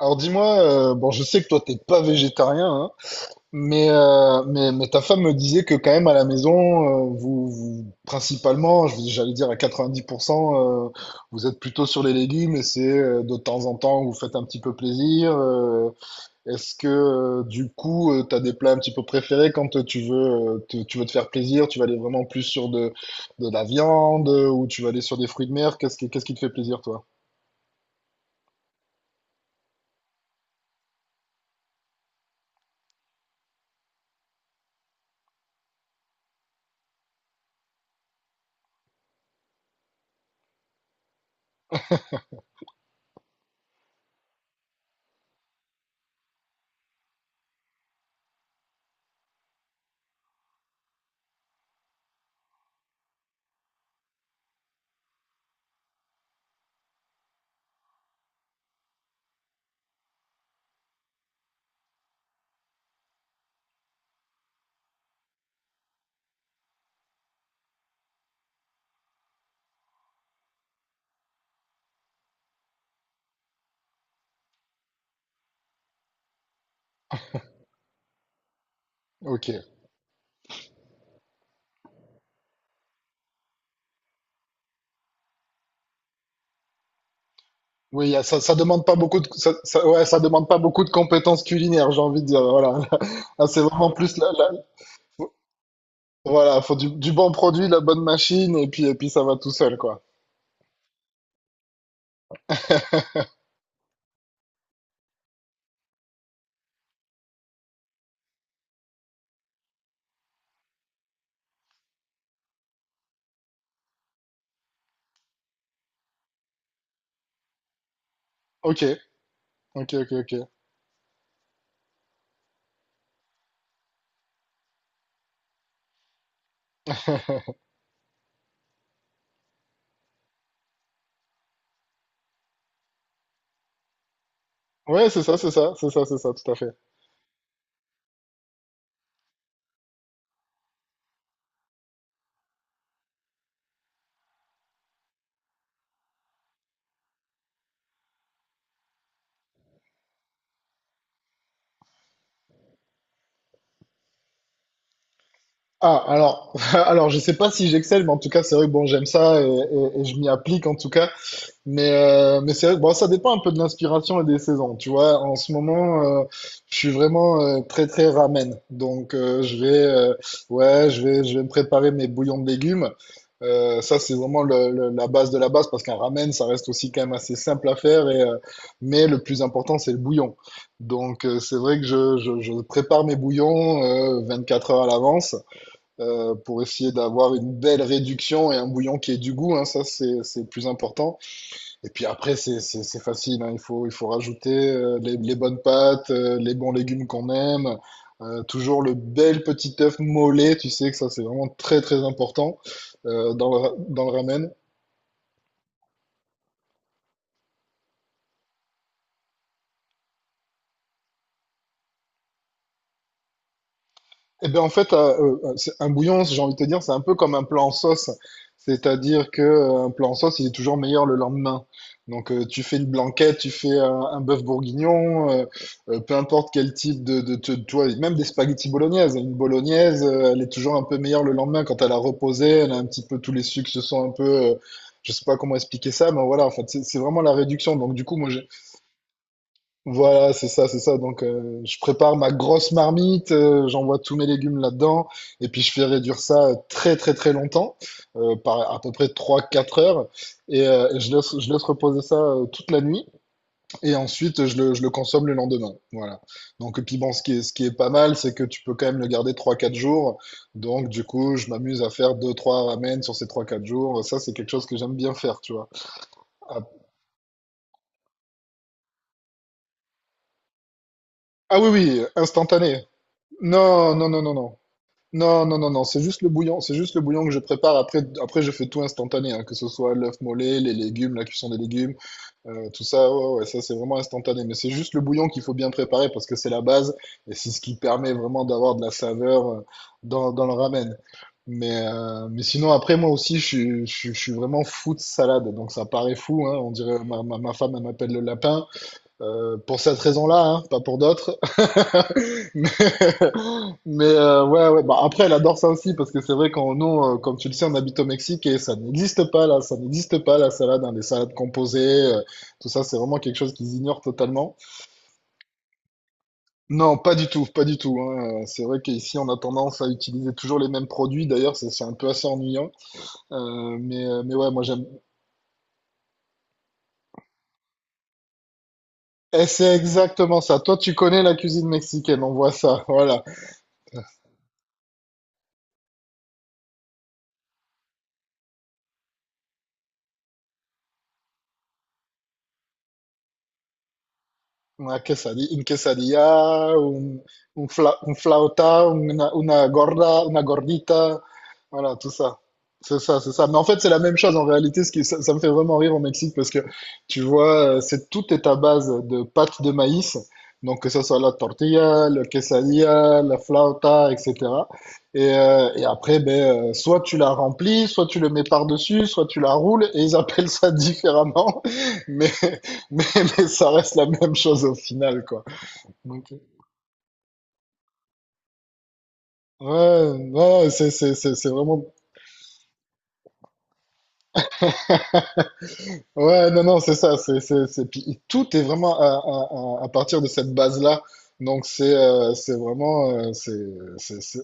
Alors dis-moi, bon, je sais que toi t'es pas végétarien, hein, mais, mais ta femme me disait que quand même à la maison, vous, vous principalement, j'allais dire à 90%, vous êtes plutôt sur les légumes et c'est de temps en temps vous faites un petit peu plaisir. Est-ce que du coup t'as des plats un petit peu préférés quand tu veux tu veux te faire plaisir, tu vas aller vraiment plus sur de la viande ou tu vas aller sur des fruits de mer? Qu'est-ce qui te fait plaisir toi? Ok. Oui, ça, ça demande pas beaucoup de, ça- ouais, ça demande pas beaucoup de compétences culinaires, j'ai envie de dire. Voilà. Là, c'est vraiment plus voilà, faut du bon produit, la bonne machine, et puis ça va tout seul, quoi. Ok, ok, ok, ok. Ouais, c'est ça, c'est ça, c'est ça, c'est ça, tout à fait. Ah, alors, alors, je sais pas si j'excelle, mais en tout cas, c'est vrai que bon, j'aime ça et je m'y applique en tout cas. Mais c'est vrai que, bon, ça dépend un peu de l'inspiration et des saisons. Tu vois, en ce moment, je suis vraiment très très ramen. Donc je vais, ouais, je vais me préparer mes bouillons de légumes. Ça, c'est vraiment la base de la base parce qu'un ramen, ça reste aussi quand même assez simple à faire. Mais le plus important, c'est le bouillon. Donc c'est vrai que je prépare mes bouillons 24 heures à l'avance pour essayer d'avoir une belle réduction et un bouillon qui ait du goût. Hein, ça, c'est le plus important. Et puis après, c'est facile, hein. Il faut rajouter les bonnes pâtes, les bons légumes qu'on aime, toujours le bel petit œuf mollet, tu sais que ça c'est vraiment très très important dans le, dans le ramen. Eh ben en fait, c'est- un bouillon, j'ai envie de te dire, c'est un peu comme un plat en sauce. C'est-à-dire que un plat en sauce, il est toujours meilleur le lendemain. Donc, tu fais une blanquette, tu fais un bœuf bourguignon, peu importe quel type tu vois, même des spaghettis bolognaises. Une bolognaise, elle est toujours un peu meilleure le lendemain quand elle a reposé, elle a un petit peu tous les sucres se sont un peu, je sais pas comment expliquer ça, mais voilà, en fait, c'est vraiment la réduction. Donc, du coup, voilà, c'est ça, c'est ça. Donc, je prépare ma grosse marmite, j'envoie tous mes légumes là-dedans, et puis je fais réduire ça très, très, très longtemps, par à peu près trois, quatre heures, et je laisse reposer ça toute la nuit, et ensuite je le consomme le lendemain. Voilà. Donc, et puis bon, ce qui est pas mal, c'est que tu peux quand même le garder trois, quatre jours. Donc, du coup, je m'amuse à faire deux, trois ramen sur ces trois, quatre jours. Ça, c'est quelque chose que j'aime bien faire, tu vois. Ah, ah, oui, oui, instantané. Non, non, non, non, non. Non, non, non, non, c'est juste le bouillon, c'est juste le bouillon que je prépare. Après, après je fais tout instantané, hein, que ce soit l'œuf mollet, les légumes, la cuisson des légumes, tout ça, ouais, ouais, ça c'est vraiment instantané. Mais c'est juste le bouillon qu'il faut bien préparer parce que c'est la base et c'est ce qui permet vraiment d'avoir de la saveur dans le ramen. Mais sinon, après, moi aussi, je suis vraiment fou de salade, donc ça paraît fou, hein, on dirait ma femme, elle m'appelle le lapin. Pour cette raison-là, hein, pas pour d'autres. Mais, ouais, ouais. Bah, après, elle adore ça aussi, parce que c'est vrai qu'on, nous, comme tu le sais, on habite au Mexique et ça n'existe pas là, ça n'existe pas la salade, hein, les salades composées, euh, tout ça, c'est vraiment quelque chose qu'ils ignorent totalement. Non, pas du tout, pas du tout, hein. C'est vrai qu'ici, on a tendance à utiliser toujours les mêmes produits. D'ailleurs, c'est un peu assez ennuyant. Mais ouais, moi j'aime. Et c'est exactement ça. Toi, tu connais la cuisine mexicaine, on voit ça. Voilà. Un quesadilla, un flauta, una gorda, una gordita. Voilà, tout ça. C'est ça, c'est ça. Mais en fait, c'est la même chose en réalité. Ça, ça me fait vraiment rire au Mexique parce que tu vois, c'est tout est à base de pâte de maïs. Donc, que ce soit la tortilla, le quesadilla, la flauta, etc. Et après, ben, soit tu la remplis, soit tu le mets par-dessus, soit tu la roules, et ils appellent ça différemment. Mais, mais, mais ça reste la même chose au final, quoi. Donc, ouais, ouais, c'est vraiment. Ouais, non, non, c'est ça. C'est... puis tout est vraiment à partir de cette base-là. Donc, c'est vraiment. C'est, c'est-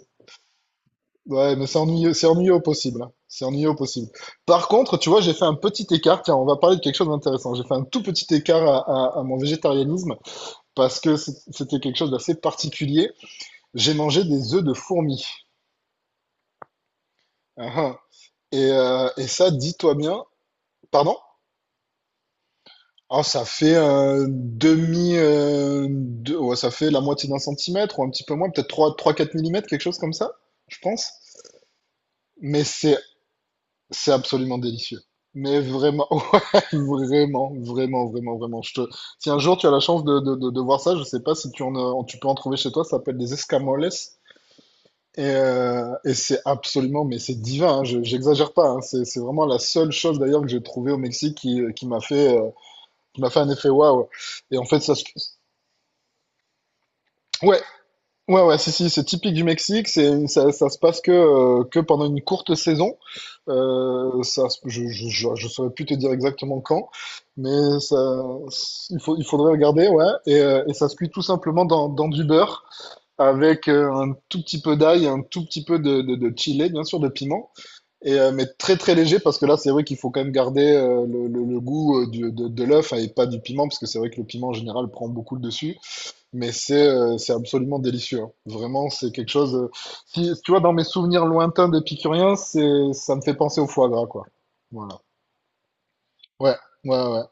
Ouais, mais c'est ennuyeux au possible, hein. C'est ennuyeux au possible. Par contre, tu vois, j'ai fait un petit écart. Tiens, on va parler de quelque chose d'intéressant. J'ai fait un tout petit écart à mon végétarianisme parce que c'était quelque chose d'assez particulier. J'ai mangé des œufs de fourmis. Ah, ah. Et ça, dis-toi bien. Pardon? Oh, ça fait ouais, ça fait la moitié d'un centimètre ou un petit peu moins, peut-être trois trois quatre millimètres, quelque chose comme ça, je pense. Mais c'est, c'est absolument délicieux. Mais vraiment, ouais, vraiment, vraiment, vraiment, vraiment. Je te... Si un jour tu as la chance de voir ça, je sais pas si tu en, tu peux en trouver chez toi, ça s'appelle des escamoles. Et c'est absolument, mais c'est divin, hein, je, j'exagère pas, hein. C'est vraiment la seule chose d'ailleurs que j'ai trouvée au Mexique qui m'a fait un effet waouh. Et en fait, ça, se- Ouais, ouais, ouais, si, si, c'est typique du Mexique, c'est, ça se passe que pendant une courte saison. Je, je saurais plus te dire exactement quand, mais ça, il faudrait regarder, ouais. Et ça se cuit tout simplement dans du beurre, avec un tout petit peu d'ail, un tout petit peu de chili, bien sûr, de piment, mais très très léger, parce que là, c'est vrai qu'il faut quand même garder le goût de l'œuf et pas du piment, parce que c'est vrai que le piment, en général, prend beaucoup le dessus. Mais c'est absolument délicieux, hein. Vraiment, c'est quelque chose. Si tu vois, dans mes souvenirs lointains d'épicurien, c'est ça me fait penser au foie gras, quoi. Voilà. Ouais, ouais, ouais.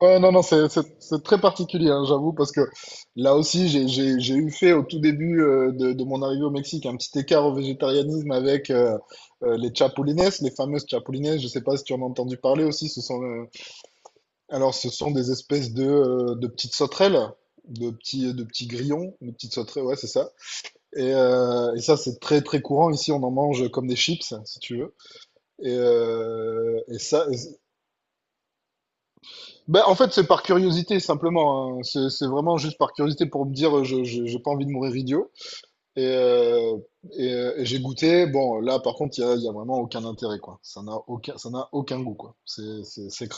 Ouais, non, non, c'est très particulier, hein, j'avoue, parce que là aussi, j'ai eu fait au tout début de mon arrivée au Mexique un petit écart au végétarianisme avec les chapulines, les fameuses chapulines. Je sais pas si tu en as entendu parler aussi. Ce sont alors, ce sont des espèces de petites sauterelles, de petits grillons, de petites sauterelles. Ouais, c'est ça. Et ça, c'est très très courant. Ici, on en mange comme des chips, si tu veux. Et, euh, et ça, et c'est- ben, en fait, c'est par curiosité simplement, hein. C'est vraiment juste par curiosité pour me dire, j'ai pas envie de mourir idiot. Et, euh, et j'ai goûté. Bon, là, par contre, il y a vraiment aucun intérêt, quoi. Ça n'a aucun goût, quoi. C'est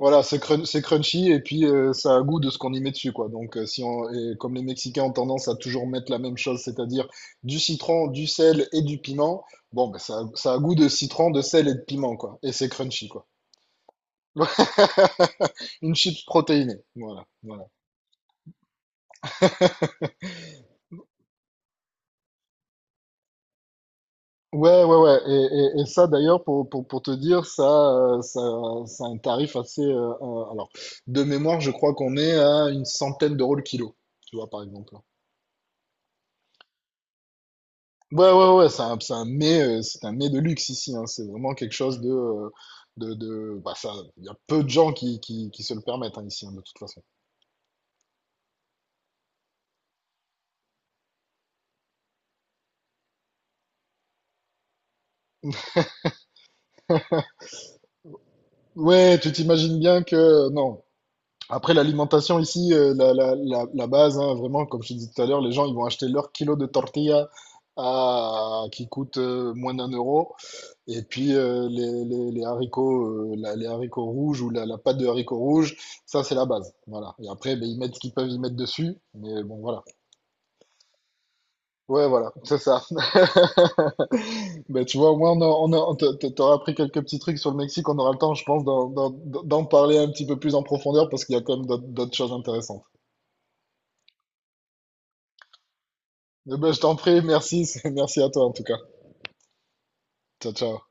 Voilà, c'est crunchy et puis ça a goût de ce qu'on y met dessus, quoi. Donc, si on, et comme les Mexicains ont tendance à toujours mettre la même chose, c'est-à-dire du citron, du sel et du piment, bon, ben, ça a goût de citron, de sel et de piment, quoi. Et c'est crunchy, quoi. Une chips protéinée, voilà, voilà. Ouais, ouais, ouais. Et ça, d'ailleurs, pour te dire, ça, ça a un tarif assez. Alors, de mémoire, je crois qu'on est à une centaine d'euros le kilo, tu vois, par exemple. Ouais, ouais, ouais, c'est un mets de luxe ici, hein. C'est vraiment quelque chose de, de bah ça, il y a peu de gens qui se le permettent hein, ici, hein, de toute façon. Ouais, tu t'imagines bien que non. Après l'alimentation ici, la base, hein, vraiment, comme je te disais tout à l'heure, les gens ils vont acheter leur kilo de tortilla à, qui coûte moins d'un euro, et puis les haricots, les haricots rouges ou la pâte de haricots rouges, ça c'est la base, voilà. Et après, ben, ils mettent ce qu'ils peuvent y mettre dessus, mais bon voilà. Ouais, voilà, c'est ça. Ben, tu vois, au moins, on a, on a- on t'a- t'a- t'auras appris quelques petits trucs sur le Mexique. On aura le temps, je pense, d'en parler un petit peu plus en profondeur parce qu'il y a quand même d'autres choses intéressantes. Eh ben, je t'en prie, merci, merci à toi en tout cas. Ciao, ciao.